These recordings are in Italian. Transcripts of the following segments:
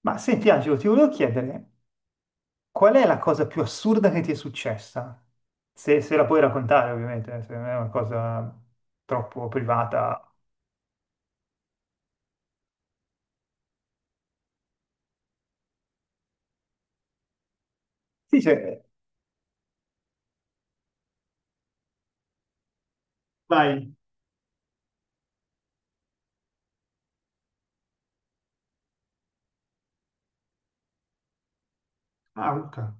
Ma senti Angelo, ti volevo chiedere, qual è la cosa più assurda che ti è successa? Se la puoi raccontare, ovviamente, se non è una cosa troppo privata. Sì, cioè, vai, Auca.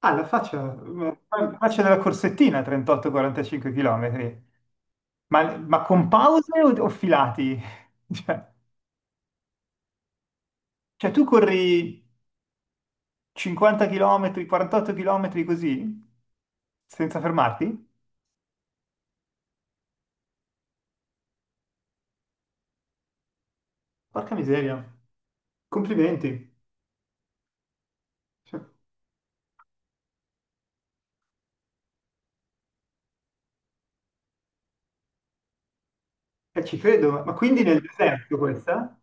Ah, la faccia della corsettina, 38-45 km. Ma con pause o filati? Cioè, cioè, tu corri 50 km, 48 km così, senza fermarti? Porca miseria. Complimenti. Cioè, eh, ci credo, ma quindi nel deserto questa?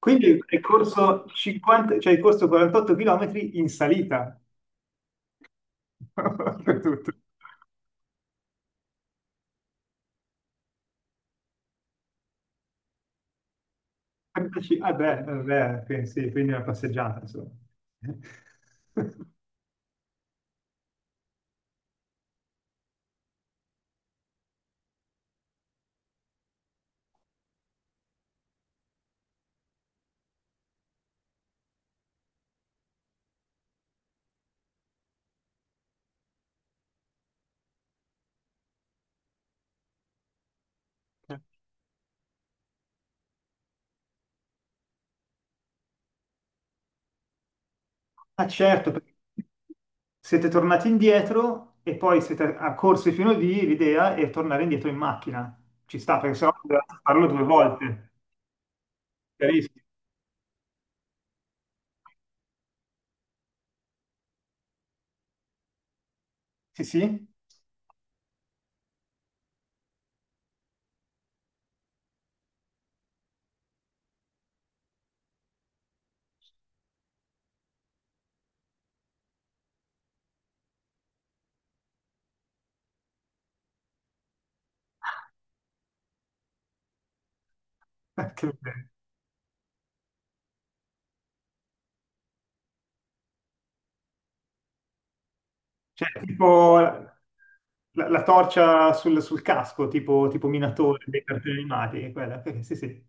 Quindi hai corso 50, cioè hai corso 48 km in salita. Tutto. 45. Ah beh, beh, quindi sì, quindi una passeggiata, insomma. Ah certo, perché siete tornati indietro e poi siete a corsi fino lì, l'idea è tornare indietro in macchina. Ci sta, perché sennò dovete farlo due volte. Chiarissimo. Sì, sì. Cioè, tipo la torcia sul casco, tipo, tipo Minatore dei cartoni animati, quella. Perché, sì, sì.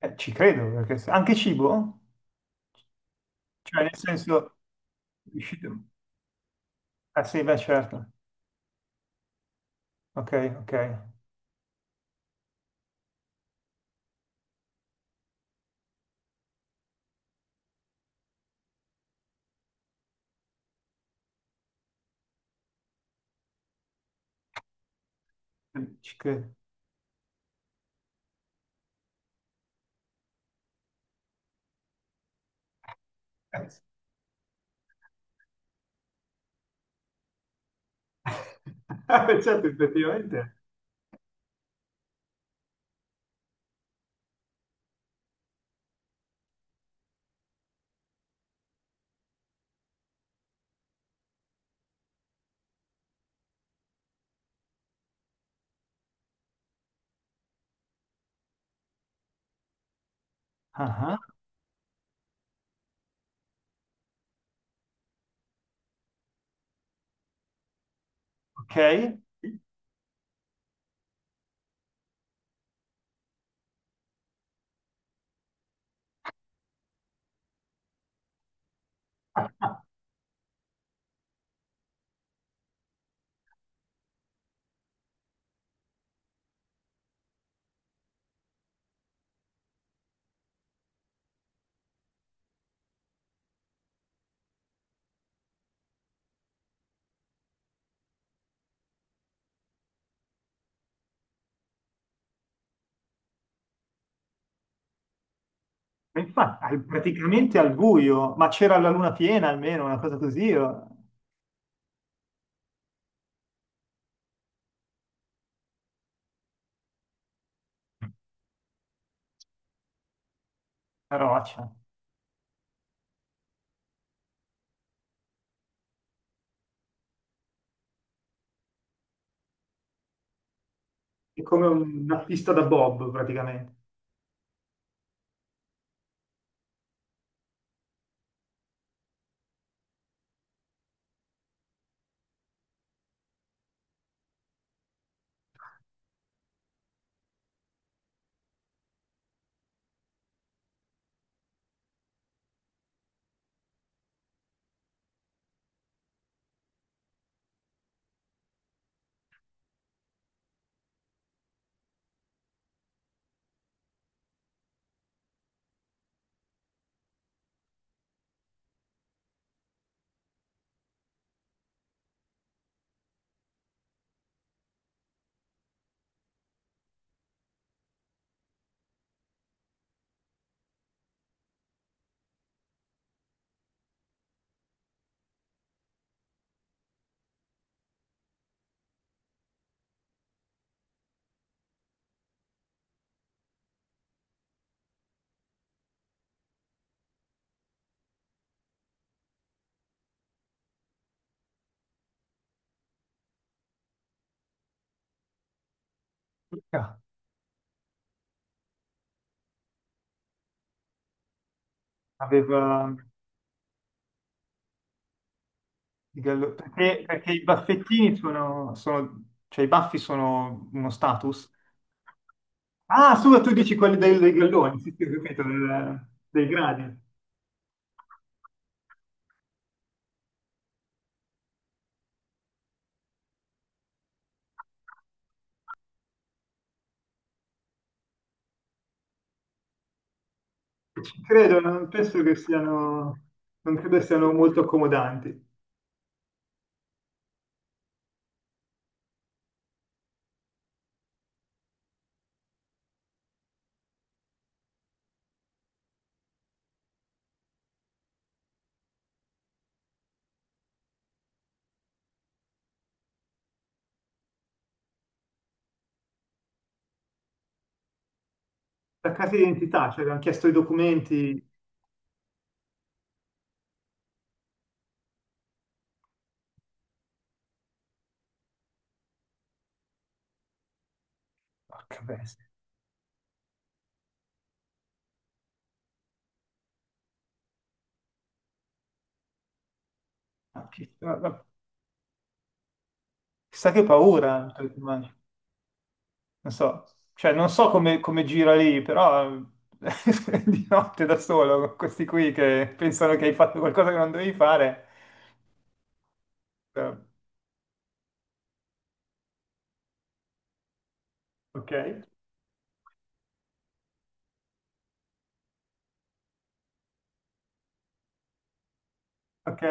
Ci credo, perché anche cibo? Cioè, nel senso... riuscite- Ah sì, beh, certo. Ok, ok. Ci credo. Sì. Ah, beh, certo, effettivamente. Ah, ok. E infatti, praticamente al buio, ma c'era la luna piena almeno, una cosa così, o- una roccia. È come una pista da bob, praticamente. Aveva il gallo- perché, perché i baffettini sono, cioè i baffi sono uno status. Ah, scusa, tu dici quelli dei galloni, sì, sì, ho capito, dei gradi. Ci credo, non penso che siano, non credo siano molto accomodanti. La casa d'identità, cioè abbiamo chiesto i documenti. Porca bestia, ma che- ma- ma- chissà che paura. Non so, cioè non so come, come gira lì, però di notte da solo, con questi qui che pensano che hai fatto qualcosa che non dovevi fare. Eh, Ok, ok.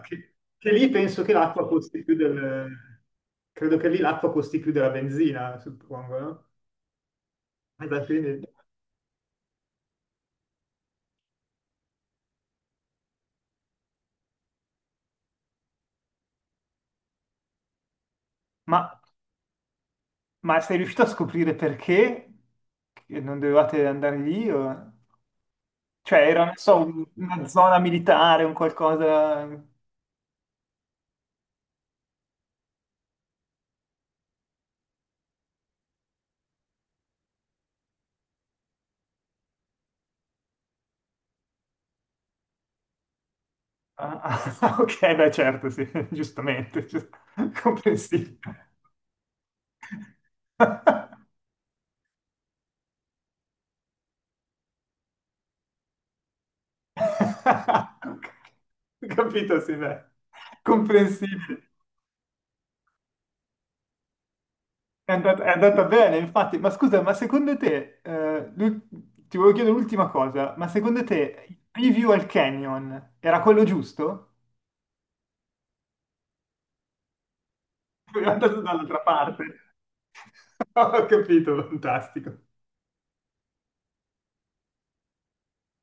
Che lì penso che l'acqua costi più del... Credo che lì l'acqua costi più della benzina, suppongo, no? Alla fine- Ma, ma sei riuscito a scoprire perché che non dovevate andare lì? O- cioè era, non so, una zona militare, un qualcosa... Ah, ah, ok, beh, certo, sì, giustamente, giu- comprensibile. Capito, sì, beh, comprensibile. È andat- è andata, bene, infatti. Ma scusa, ma secondo te, l'ul- ti volevo chiedere l'ultima cosa, ma secondo te il preview al Canyon era quello giusto? È andato dall'altra parte. Ho capito, fantastico.